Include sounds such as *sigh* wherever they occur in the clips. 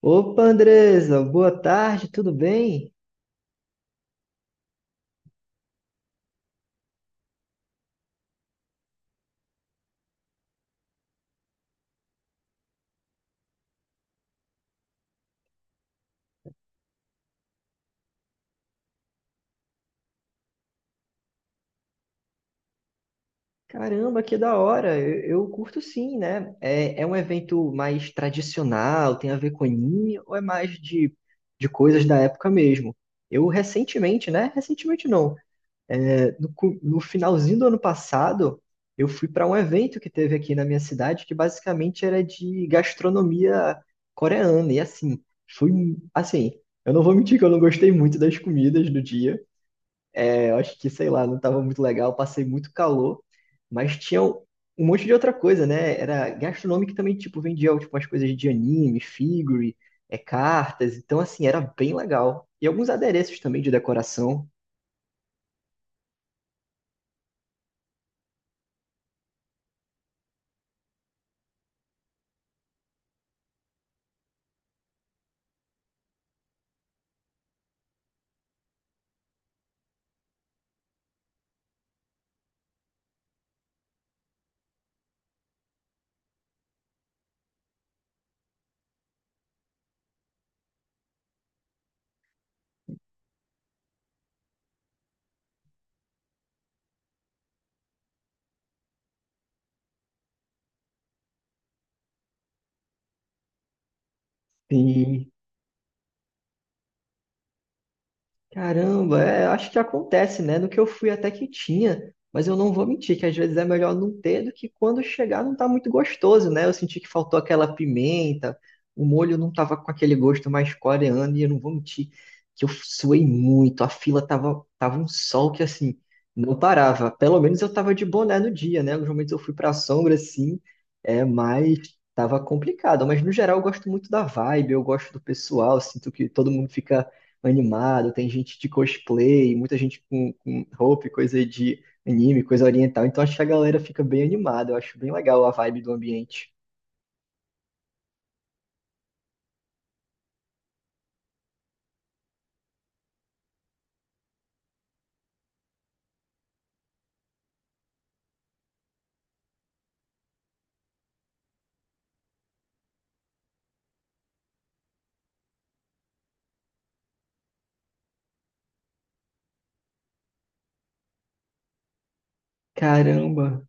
Opa, Andresa, boa tarde, tudo bem? Caramba, que da hora! Eu curto sim, né? É um evento mais tradicional, tem a ver com anime, ou é mais de coisas da época mesmo? Eu recentemente, né? Recentemente não. É, no, no finalzinho do ano passado, eu fui para um evento que teve aqui na minha cidade, que basicamente era de gastronomia coreana. E assim, fui, assim, eu não vou mentir que eu não gostei muito das comidas do dia. É, eu acho que, sei lá, não estava muito legal, passei muito calor, mas tinha um monte de outra coisa, né? Era gastronômico que também, tipo, vendia tipo, umas coisas de anime, figure, é, cartas. Então, assim, era bem legal. E alguns adereços também de decoração. Sim. Caramba, é, acho que acontece, né? No que eu fui até que tinha, mas eu não vou mentir que às vezes é melhor não ter do que quando chegar não tá muito gostoso, né? Eu senti que faltou aquela pimenta, o molho não tava com aquele gosto mais coreano e eu não vou mentir que eu suei muito, a fila tava um sol que assim, não parava. Pelo menos eu tava de boné no dia, né? Alguns momentos eu fui pra sombra assim, é, mas tava complicado. Mas no geral eu gosto muito da vibe, eu gosto do pessoal, sinto que todo mundo fica animado, tem gente de cosplay, muita gente com roupa e coisa de anime, coisa oriental. Então acho que a galera fica bem animada, eu acho bem legal a vibe do ambiente. Caramba,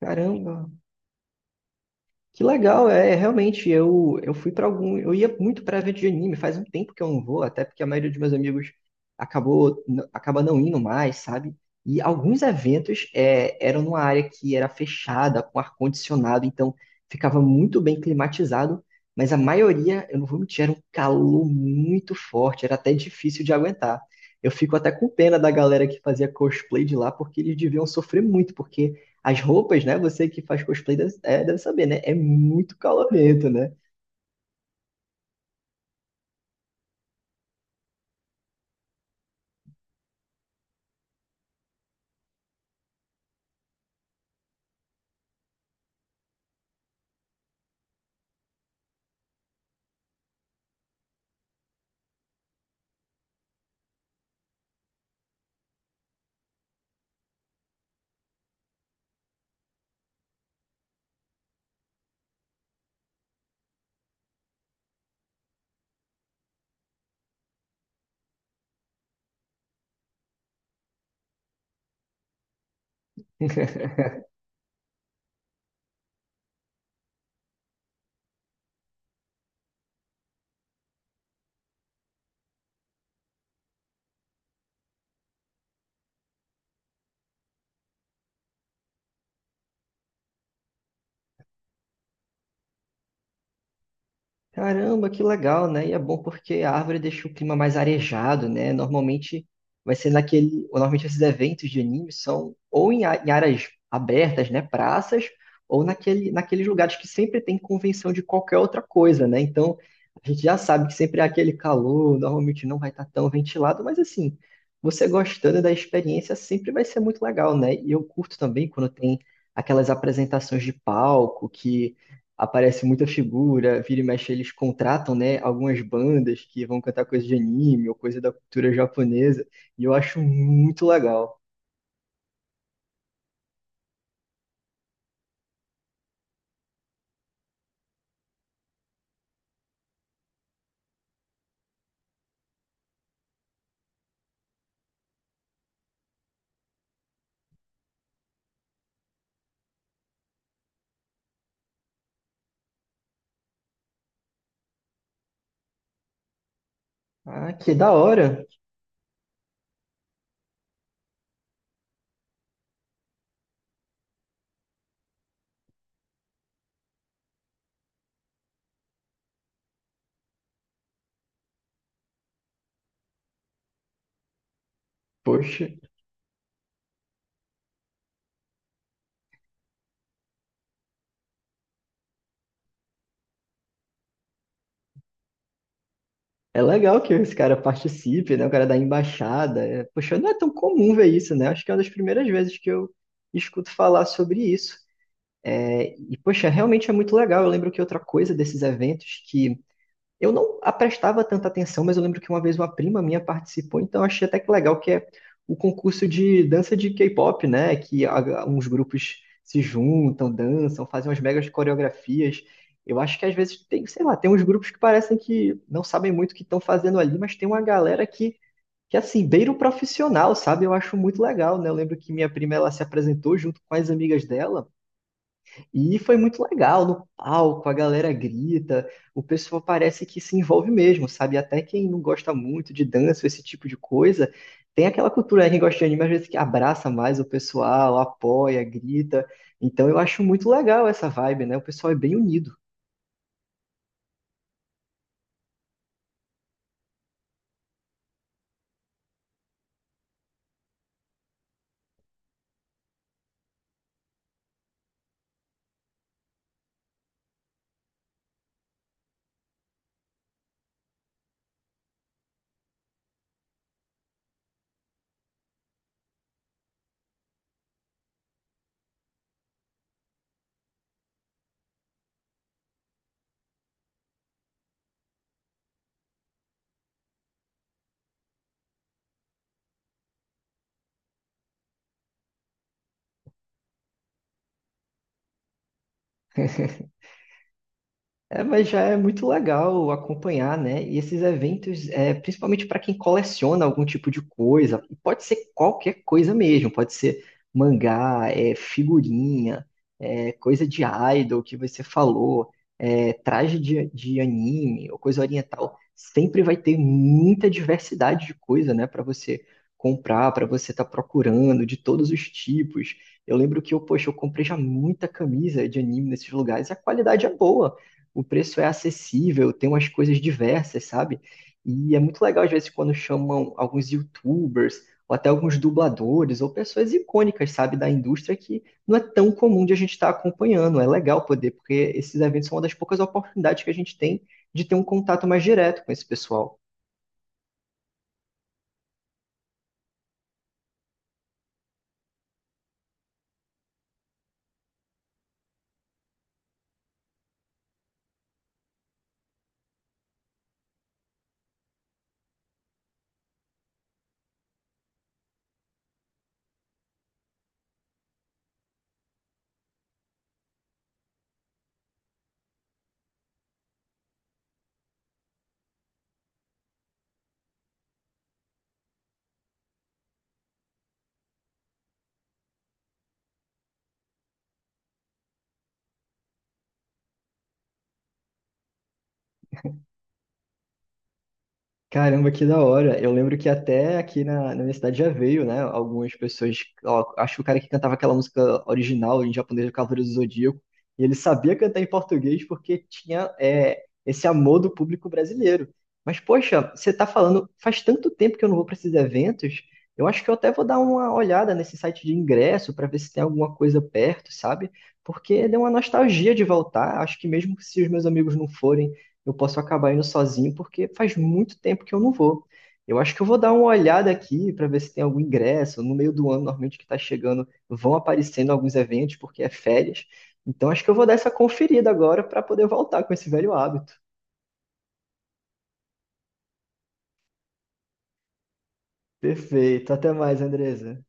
caramba, Que legal, é realmente. Eu fui para algum. Eu ia muito para evento de anime, faz um tempo que eu não vou, até porque a maioria dos meus amigos acaba não indo mais, sabe? E alguns eventos é, eram numa área que era fechada, com ar-condicionado, então ficava muito bem climatizado, mas a maioria, eu não vou mentir, era um calor muito forte, era até difícil de aguentar. Eu fico até com pena da galera que fazia cosplay de lá, porque eles deviam sofrer muito, porque. As roupas, né? Você que faz cosplay deve, é, deve saber, né? É muito calorento, né? *laughs* Caramba, que legal, né? E é bom porque a árvore deixa o clima mais arejado, né? Normalmente vai ser naquele. Ou normalmente esses eventos de anime são ou em, em áreas abertas, né? Praças, ou naqueles lugares que sempre tem convenção de qualquer outra coisa, né? Então a gente já sabe que sempre há aquele calor, normalmente não vai estar tão ventilado, mas assim, você gostando da experiência sempre vai ser muito legal, né? E eu curto também quando tem aquelas apresentações de palco que aparece muita figura, vira e mexe eles contratam, né, algumas bandas que vão cantar coisa de anime ou coisa da cultura japonesa, e eu acho muito legal. Ah, que da hora! Poxa, é legal que esse cara participe, né, o cara da embaixada. É, poxa, não é tão comum ver isso, né? Acho que é uma das primeiras vezes que eu escuto falar sobre isso. É, e, poxa, realmente é muito legal. Eu lembro que outra coisa desses eventos que eu não prestava tanta atenção, mas eu lembro que uma vez uma prima minha participou, então eu achei até que legal que é o concurso de dança de K-pop, né? Que uns grupos se juntam, dançam, fazem umas megas coreografias. Eu acho que às vezes tem, sei lá, tem uns grupos que parecem que não sabem muito o que estão fazendo ali, mas tem uma galera que assim, beira o profissional, sabe? Eu acho muito legal, né? Eu lembro que minha prima, ela se apresentou junto com as amigas dela, e foi muito legal no palco, a galera grita, o pessoal parece que se envolve mesmo, sabe? Até quem não gosta muito de dança, esse tipo de coisa, tem aquela cultura, né? Quem gosta de anime às vezes que abraça mais o pessoal, apoia, grita. Então eu acho muito legal essa vibe, né? O pessoal é bem unido. *laughs* É, mas já é muito legal acompanhar, né? E esses eventos, é, principalmente para quem coleciona algum tipo de coisa, e pode ser qualquer coisa mesmo, pode ser mangá, é, figurinha, é, coisa de idol que você falou, é, traje de anime ou coisa oriental. Sempre vai ter muita diversidade de coisa, né? Para você comprar, para você estar procurando, de todos os tipos. Eu lembro que eu, poxa, eu comprei já muita camisa de anime nesses lugares e a qualidade é boa, o preço é acessível, tem umas coisas diversas, sabe? E é muito legal, às vezes, quando chamam alguns YouTubers, ou até alguns dubladores, ou pessoas icônicas, sabe, da indústria que não é tão comum de a gente estar acompanhando. É legal poder, porque esses eventos são uma das poucas oportunidades que a gente tem de ter um contato mais direto com esse pessoal. Caramba, que da hora. Eu lembro que até aqui na minha cidade já veio, né? Algumas pessoas. Ó, acho que o cara que cantava aquela música original em japonês, o Cavaleiro do Zodíaco, e ele sabia cantar em português porque tinha é, esse amor do público brasileiro. Mas, poxa, você tá falando, faz tanto tempo que eu não vou para esses eventos, eu acho que eu até vou dar uma olhada nesse site de ingresso para ver se tem alguma coisa perto, sabe? Porque deu uma nostalgia de voltar. Acho que mesmo se os meus amigos não forem, eu posso acabar indo sozinho, porque faz muito tempo que eu não vou. Eu acho que eu vou dar uma olhada aqui para ver se tem algum ingresso. No meio do ano, normalmente que está chegando, vão aparecendo alguns eventos, porque é férias. Então, acho que eu vou dar essa conferida agora para poder voltar com esse velho hábito. Perfeito. Até mais, Andresa.